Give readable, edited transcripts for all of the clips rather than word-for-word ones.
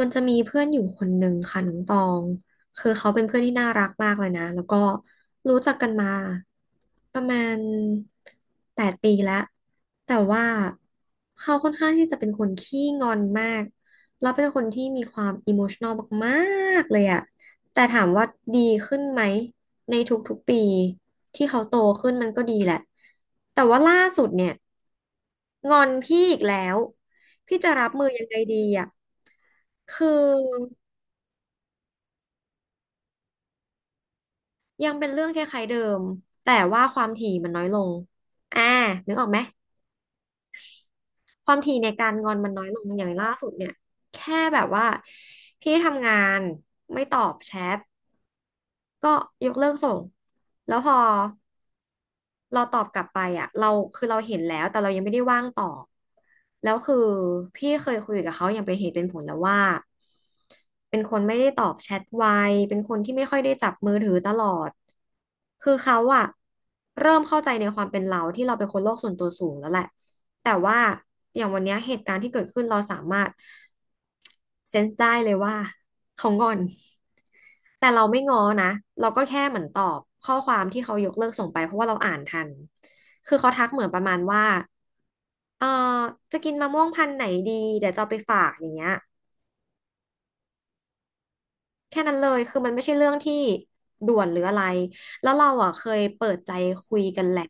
มันจะมีเพื่อนอยู่คนหนึ่งค่ะน้องตองคือเขาเป็นเพื่อนที่น่ารักมากเลยนะแล้วก็รู้จักกันมาประมาณแปดปีแล้วแต่ว่าเขาค่อนข้างที่จะเป็นคนขี้งอนมากแล้วเป็นคนที่มีความอิโมชัน a ลมากๆเลยอะแต่ถามว่าดีขึ้นไหมในทุกๆปีที่เขาโตขึ้นมันก็ดีแหละแต่ว่าล่าสุดเนี่ยงอนพี่อีกแล้วพี่จะรับมือยังไงดีอะ คือยังเป็นเรื่องคล้ายๆเดิมแต่ว่าความถี่มันน้อยลงอ่านึกออกไหมความถี่ในการงอนมันน้อยลงอย่างล่าสุดเนี่ยแค่แบบว่าพี่ทำงานไม่ตอบแชท ก็ยกเลิกส่ง แล้วพอเราตอบกลับไปอ่ะเราคือเราเห็นแล้วแต่เรายังไม่ได้ว่างตอบแล้วคือพี่เคยคุยกับเขาอย่างเป็นเหตุเป็นผลแล้วว่าเป็นคนไม่ได้ตอบแชทไวเป็นคนที่ไม่ค่อยได้จับมือถือตลอด คือเขาอ่ะเริ่มเข้าใจในความเป็นเราที่เราเป็นคนโลกส่วนตัวสูงแล้วแหละ แต่ว่าอย่างวันเนี้ยเหตุการณ์ที่เกิดขึ้นเราสามารถ เซนส์ได้เลยว่าเขางอนแต่เราไม่ง้อนะ เราก็แค่เหมือนตอบข้อความที่เขายกเลิกส่งไปเพราะว่าเราอ่านทัน คือเขาทักเหมือนประมาณว่าเออจะกินมะม่วงพันธุ์ไหนดีเดี๋ยวจะเอาไปฝากอย่างเงี้ยแค่นั้นเลยคือมันไม่ใช่เรื่องที่ด่วนหรืออะไร แล้วเราอ่ะเคยเปิดใจคุยกันแหละ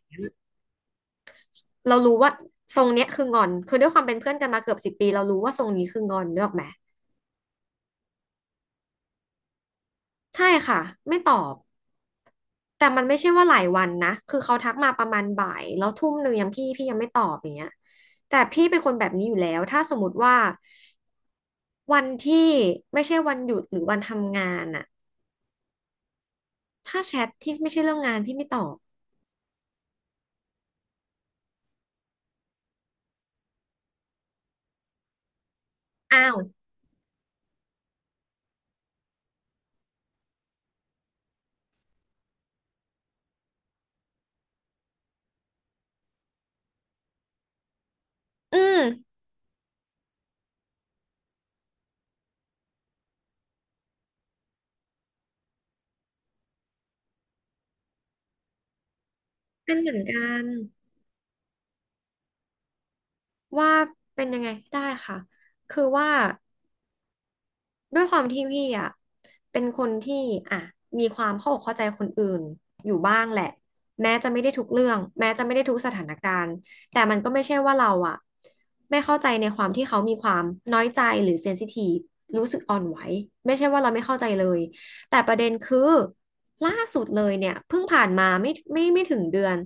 เรารู้ว่าทรงเนี้ยคืองอน คือด้วยความเป็นเพื่อนกันมาเกือบ10 ปีเรารู้ว่าทรงนี้คืองอนนึกออกไหมใช่ค่ะไม่ตอบ แต่มันไม่ใช่ว่าหลายวันนะคือเขาทักมาประมาณบ่ายแล้วทุ่มหนึ่งยังพี่ยังไม่ตอบอย่างเงี้ยแต่พี่เป็นคนแบบนี้อยู่แล้วถ้าสมมติว่าวันที่ไม่ใช่วันหยุดหรือวันทำงานอะถ้าแชทที่ไม่ใช่เรื่องงานพี่ไม่ตอบอ้าว อืมเป็นเหมือนกันว่าเป็นยังไงได้ค่ะคือว่า ด้วยความที่พี่อ่ะเป็นคนที่อ่ะมีความเข้าอกเข้าใจคนอื่นอยู่บ้างแหละแม้จะไม่ได้ทุกเรื่องแม้จะไม่ได้ทุกสถานการณ์แต่มันก็ไม่ใช่ว่าเราอ่ะไม่เข้าใจในความที่เขามีความน้อยใจหรือเซนซิทีฟรู้สึกอ่อนไหวไม่ใช่ว่าเราไม่เข้าใจเลยแต่ประเด็นคือล่าสุดเลยเนี่ยเพิ่งผ่านมาไม่ถึงเดือน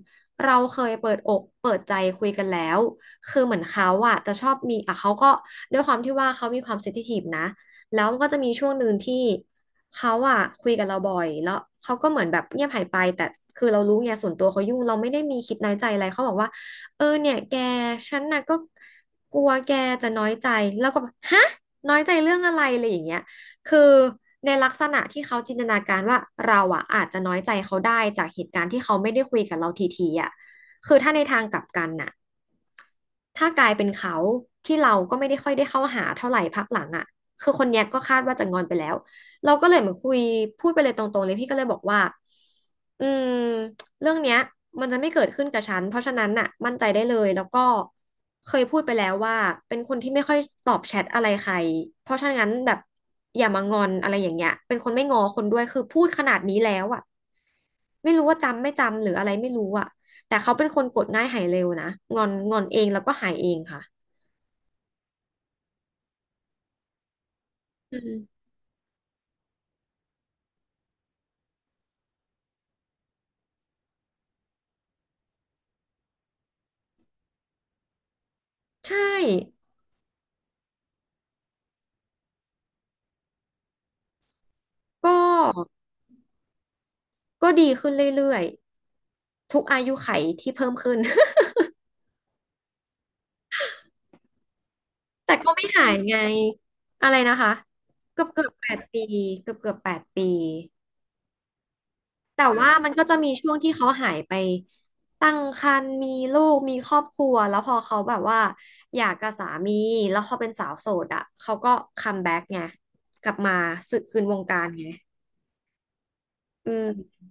เราเคยเปิดอกเปิดใจคุยกันแล้วคือเหมือนเขาอะจะชอบมีอะเขาก็ด้วยความที่ว่าเขามีความเซนซิทีฟนะ แล้วมันก็จะมีช่วงหนึ่งที่เขาอะคุยกับเราบ่อยแล้วเขาก็เหมือนแบบเงียบหายไปแต่คือเรารู้ไงส่วนตัวเขายุ่งเราไม่ได้มีคิดน้อยใจอะไรเขาบอกว่าเออเนี่ยแกฉันน่ะก็กลัวแกจะน้อยใจแล้วก็แบบฮะน้อยใจเรื่องอะไรอะไรอย่างเงี้ยคือในลักษณะที่เขาจินตนาการว่าเราอะอาจจะน้อยใจเขาได้จากเหตุการณ์ที่เขาไม่ได้คุยกับเราทีๆอะคือถ้าในทางกลับกันน่ะ ถ้ากลายเป็นเขาที่เราก็ไม่ได้ค่อยได้เข้าหาเท่าไหร่พักหลังอ่ะคือคนเนี้ยก็คาดว่าจะงอนไปแล้วเราก็เลยเหมือนคุยพูดไปเลยตรงๆเลยพี่ก็เลยบอกว่าอืมเรื่องเนี้ยมันจะไม่เกิดขึ้นกับฉันเพราะฉะนั้นน่ะมั่นใจได้เลยแล้วก็เคยพูดไปแล้วว่าเป็นคนที่ไม่ค่อยตอบแชทอะไรใครเพราะฉะนั้นแบบอย่ามางอนอะไรอย่างเงี้ยเป็นคนไม่งอคนด้วยคือพูดขนาดนี้แล้วอ่ะไม่รู้ว่าจำไม่จำหรืออะไรไม่รู้อ่ะ แต่เขาเป็นคนกดง่ายหายเร็วนะงอนงอนเองแล้วก็หายเองค่ะอืมใช่ก็ก็ดีขึ้นเรื่อยๆ ทุกอายุไขที่เพิ่มขึ้น แต่ก็ไม่หายไงอะไรนะคะ เกือบ8 ปีเกือบ8 ปี แต่ว่ามันก็จะมีช่วงที่เขาหายไปตั้งครรภ์มีลูกมีครอบครัวแล้วพอเขาแบบว่าอยากกับสามีแล้วเขาเป็นสาวโสดอ่ะเขาก็คัมแบ็กไงกลับมาสึกคืนวงการไงอืม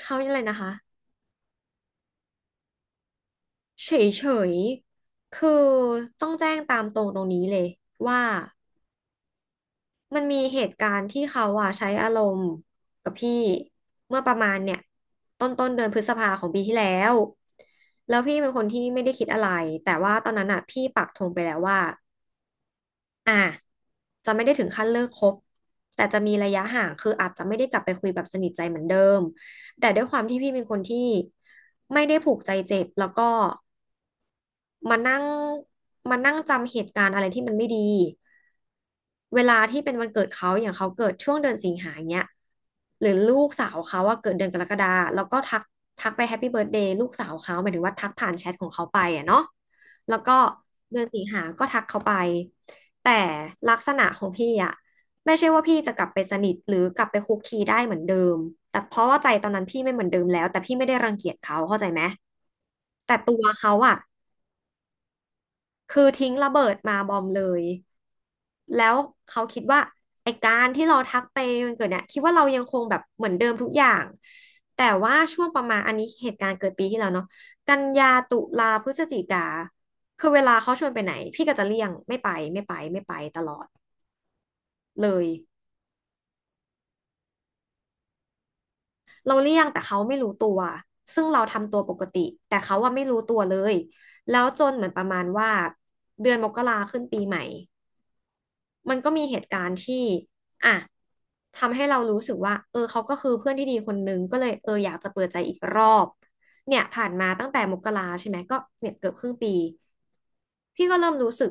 เขาเรียกอะไรนะคะเฉยๆคือต้องแจ้งตามตรงตรงนี้เลยว่ามันมีเหตุการณ์ที่เขาอ่ะใช้อารมณ์กับพี่เมื่อประมาณเนี่ยต้นเดือนพฤษภาของปีที่แล้วแล้วพี่เป็นคนที่ไม่ได้คิดอะไรแต่ว่าตอนนั้นอ่ะพี่ปักธงไปแล้วว่าอ่ะจะไม่ได้ถึงขั้นเลิกคบแต่จะมีระยะห่างคืออาจจะไม่ได้กลับไปคุยแบบสนิทใจเหมือนเดิมแต่ด้วยความที่พี่เป็นคนที่ไม่ได้ผูกใจเจ็บแล้วก็ มานั่งมานั่งจำเหตุการณ์อะไรที่มันไม่ดีเวลาที่เป็นวันเกิดเขาอย่างเขาเกิดช่วงเดือนสิงหาเนี้ยหรือลูกสาวเขาว่าเกิดเดือนกรกฎาแล้วก็ทักไปแฮปปี้เบิร์ a เดย์ลูกสาวเขาหมายถึงว่าทักผ่านแชทของเขาไปอ่ะเนาะแล้วก็เดือนสิงหาก็ทักเขาไปแต่ลักษณะของพี่อ่ะไม่ใช่ว่าพี่จะกลับไปสนิทหรือกลับไปคุกคีได้เหมือนเดิมแต่เพราะว่าใจตอนนั้นพี่ไม่เหมือนเดิมแล้วแต่พี่ไม่ได้รังเกียจเขาเข้าใจไหมแต่ตัวเขาอ่ะ คือทิ้งระเบิดมาบอมเลย แล้วเขาคิดว่าไอ้การที่เราทักไปมันเกิดเนี่ยคิดว่าเรายังคงแบบเหมือนเดิมทุกอย่าง แต่ว่าช่วงประมาณอันนี้เหตุการณ์เกิดปีที่แล้วเนาะกันยาตุลาพฤศจิกาคือเวลาเขาชวนไปไหนพี่ก็จะเลี่ยงไม่ไปไม่ไปไม่ไปตลอดเลย เราเลี่ยงแต่เขาไม่รู้ตัวซึ่งเราทำตัวปกติแต่เขาว่าไม่รู้ตัวเลยแล้วจนเหมือนประมาณว่าเดือนมกราขึ้นปีใหม่ มันก็มีเหตุการณ์ที่อ่ะทำให้เรารู้สึกว่าเออเขาก็คือเพื่อนที่ดีคนนึงก็เลยเอออยากจะเปิดใจอีกรอบ เนี่ยผ่านมาตั้งแต่มกราใช่ไหมก็เนี่ยเกือบครึ่งปีพี่ก็เริ่มรู้สึก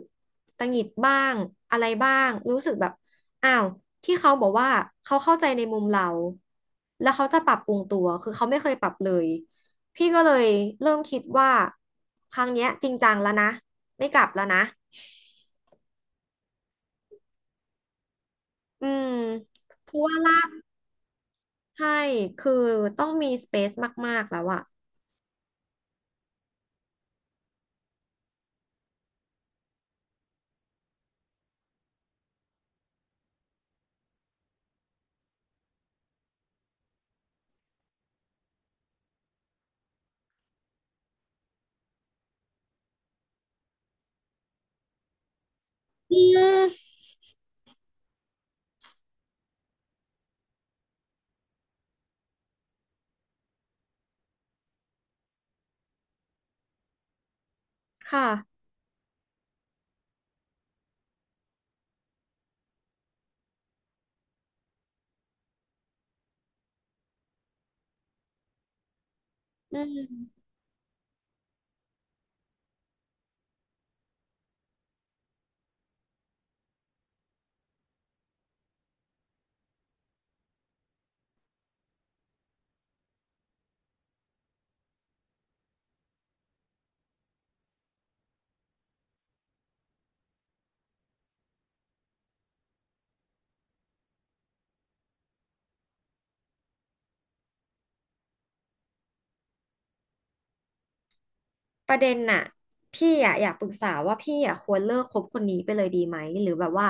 ตังหงิดบ้าง อะไรบ้าง รู้สึกแบบอ้าวที่เขาบอกว่า เขาเข้าใจในมุมเรา แล้วเขาจะปรับปรุงตัว คือเขาไม่เคยปรับเลย พี่ก็เลยเริ่มคิดว่าครั้งเนี้ยจริงจังแล้วนะไม่กลับแล้วนะอืมเพราะว่าล่า ใช่คือต้องมีสเปซมากๆแล้วอะอืมค่ะอืมประเด็นน่ะพี่อะอยากปรึกษาว่าพี่อะควรเลิกคบคนนี้ไปเลยดีไหม หรือแบบว่า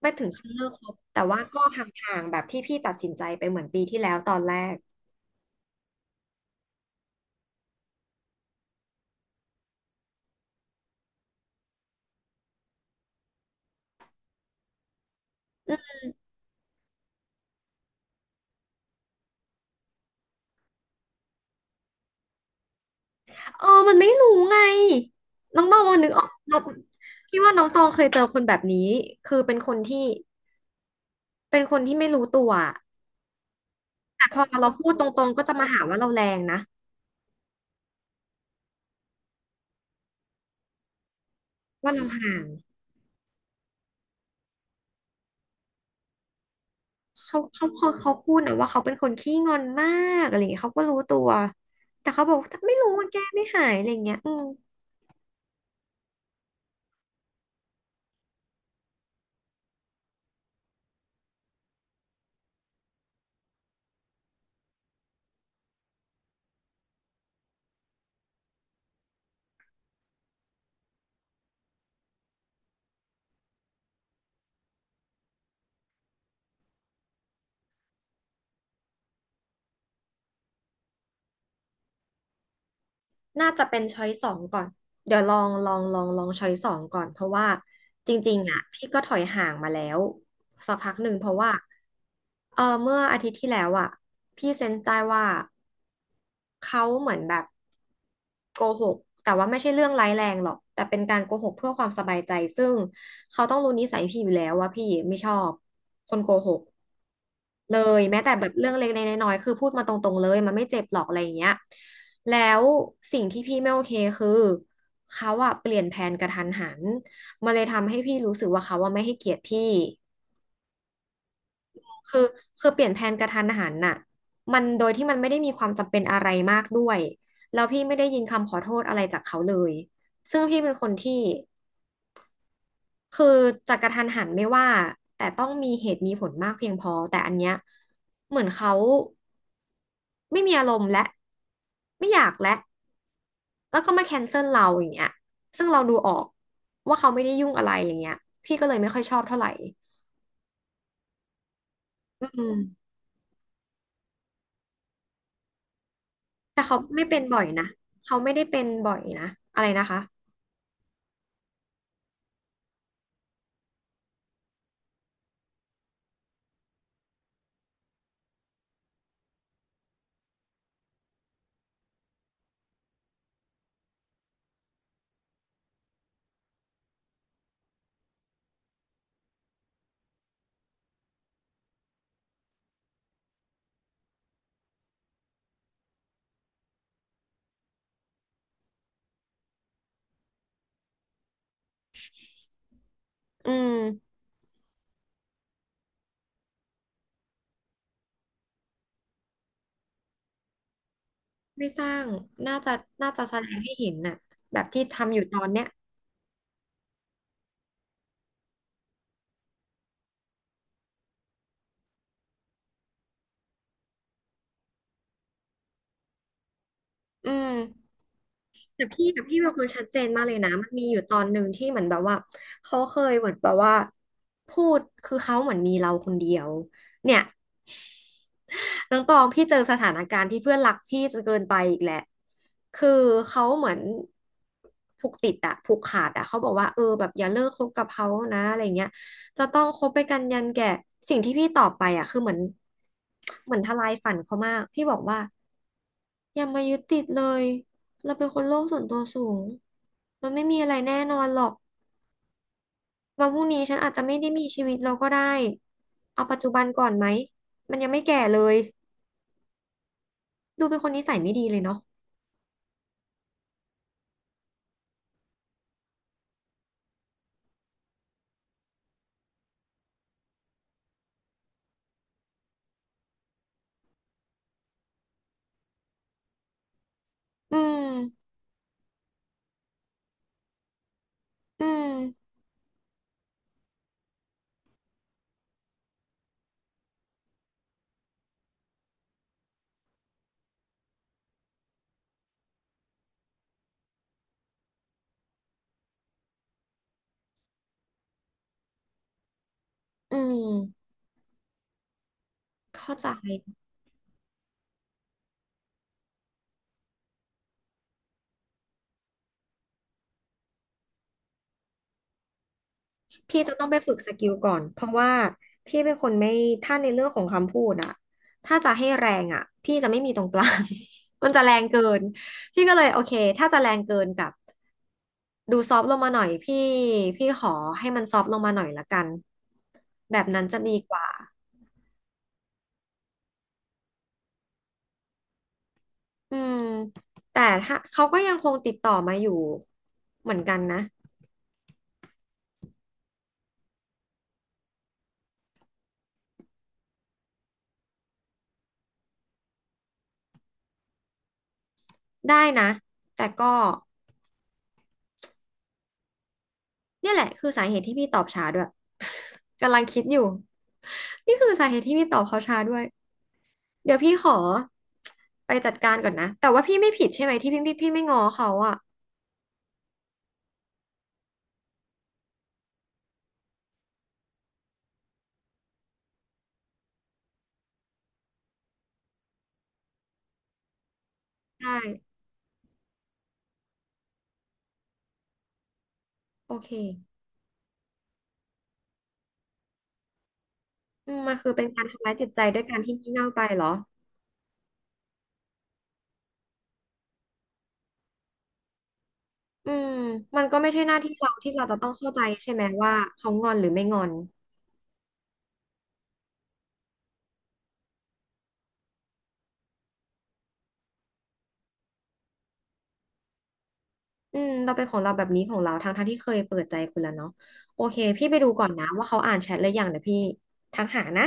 ไม่ถึงขั้นเลิกคบแต่ว่าก็ห่างๆแบบที่พี่ตัดสินใจไปเหมือนปีที่แล้วตอนแรกอืมเออมันไม่รู้ไงน้องตองวันนึกออกน้องพี่ว่าน้องตองเคยเจอคนแบบนี้คือเป็นคนที่เป็นคนที่ไม่รู้ตัวอะแต่พอเราพูดตรงๆก็จะมาหาว่าเราแรงนะว่าเราห่าง เขาพูดนะว่าเขาเป็นคนขี้งอนมากอะไรอย่างเงี้ยเขาก็รู้ตัวแต่เขาบอกว่าไม่รู้มันแก้ไม่หายอะไรอย่างเงี้ยอืมน่าจะเป็นช้อยสองก่อนเดี๋ยวลองช้อยสองก่อนเพราะว่าจริงๆอ่ะพี่ก็ถอยห่างมาแล้วสักพักหนึ่งเพราะว่าเออเมื่ออาทิตย์ที่แล้วอ่ะพี่เซนส์ได้ว่า เขาเหมือนแบบโกหกแต่ว่าไม่ใช่เรื่องร้ายแรงหรอกแต่เป็นการโกหกเพื่อความสบายใจซึ่งเขาต้องรู้นิสัยพี่อยู่แล้วว่าพี่ไม่ชอบคนโกหกเลยแม้แต่แบบเรื่องเล็กๆน้อยๆคือพูดมาตรงๆเลยมันไม่เจ็บหรอกอะไรอย่างเงี้ยแล้วสิ่งที่พี่ไม่โอเคคือเขาอะเปลี่ยนแผนกระทันหันมันเลยทำให้พี่รู้สึกว่าเขาอะไม่ให้เกียรติพี่ คือคือเปลี่ยนแผนกระทันหันน่ะมันโดยที่มันไม่ได้มีความจำเป็นอะไรมากด้วยแล้วพี่ไม่ได้ยินคำขอโทษอะไรจากเขาเลยซึ่งพี่เป็นคนที่คือจะกระทันหันไม่ว่าแต่ต้องมีเหตุมีผลมากเพียงพอแต่อันเนี้ยเหมือนเขาไม่มีอารมณ์และไม่อยากและแล้วก็มาแคนเซิลเราอย่างเงี้ยซึ่งเราดูออกว่าเขาไม่ได้ยุ่งอะไรอย่างเงี้ยพี่ก็เลยไม่ค่อยชอบเท่าไหร่อืมแต่เขาไม่เป็นบ่อยนะเขาไม่ได้เป็นบ่อยนะอะไรนะคะ อืมไม่สร้างน่าจะน่าจะแสดงให้เห็นน่ะแบบที่ทำอยู่ตอนเนี้ยอืม แต่พี่เป็นคนชัดเจนมากเลยนะมันมีอยู่ตอนหนึ่งที่เหมือนแบบว่าเขาเคยเหมือนแบบว่าพูดคือเขาเหมือนมีเราคนเดียวเนี่ยน้องตองพี่เจอสถานการณ์ที่เพื่อนรักพี่จนเกินไปอีกแหละคือเขาเหมือนผูกติดอะผูกขาดอะเขาบอกว่าเออแบบอย่าเลิกคบกับเขานะอะไรเงี้ยจะต้องคบไปกันยันแก่สิ่งที่พี่ตอบไปอะคือเหมือนเหมือนทลายฝันเขามากพี่บอกว่า อย่ามายึดติดเลย เราเป็นคนโลกส่วนตัวสูงมันไม่มีอะไรแน่นอนหรอกวันพรุ่งนี้ฉันอาจจะไม่ได้มีชีวิตเราก็ได้ เอาปัจจุบันก่อนไหม มันยังไม่แก่เลย ดูเป็นคนนิสัยไม่ดีเลยเนาะอืม อืม อืม เข้าใจ พี่จะต้องไปฝึกสกิลก่อนเพราะว่าพี่เป็นคนไม่ถ้าในเรื่องของคำพูดอะถ้าจะให้แรงอะพี่จะไม่มีตรงกลาง มันจะแรงเกินพี่ก็เลยโอเคถ้าจะแรงเกินกับดูซอฟต์ลงมาหน่อยพี่พี่ขอให้มันซอฟต์ลงมาหน่อยละกันแบบนั้นจะดีกว่าอืมแต่ถ้าเขาก็ยังคงติดต่อมาอยู่เหมือนกันนะได้นะแต่ก็ เนี่ยแหละคือสาเหตุที่พี่ตอบช้าด้วย กำลังคิดอยู่นี่คือสาเหตุที่พี่ตอบเขาช้าด้วยเดี๋ยวพี่ขอไปจัดการก่อนนะแต่ว่าพี่ไม่ผิดใช่ไหมที่พี่ไม่ง้อเขาอ่ะใช่โอเคอืมมันคือเป็นการทำร้ายจิตใจด้วยการที่งี่เง่าไปเหรออืมมันก็ไม่ใช่หน้าที่เราที่เราจะต้องเข้าใจใช่ไหมว่าเขางอนหรือไม่งอนอืมเราเป็นของเราแบบนี้ของเราทั้งทั้งที่เคยเปิดใจคุณแล้วเนาะโอเคพี่ไปดูก่อนนะว่าเขาอ่านแชทหรือยังเดี๋ยวพี่ทักหานะ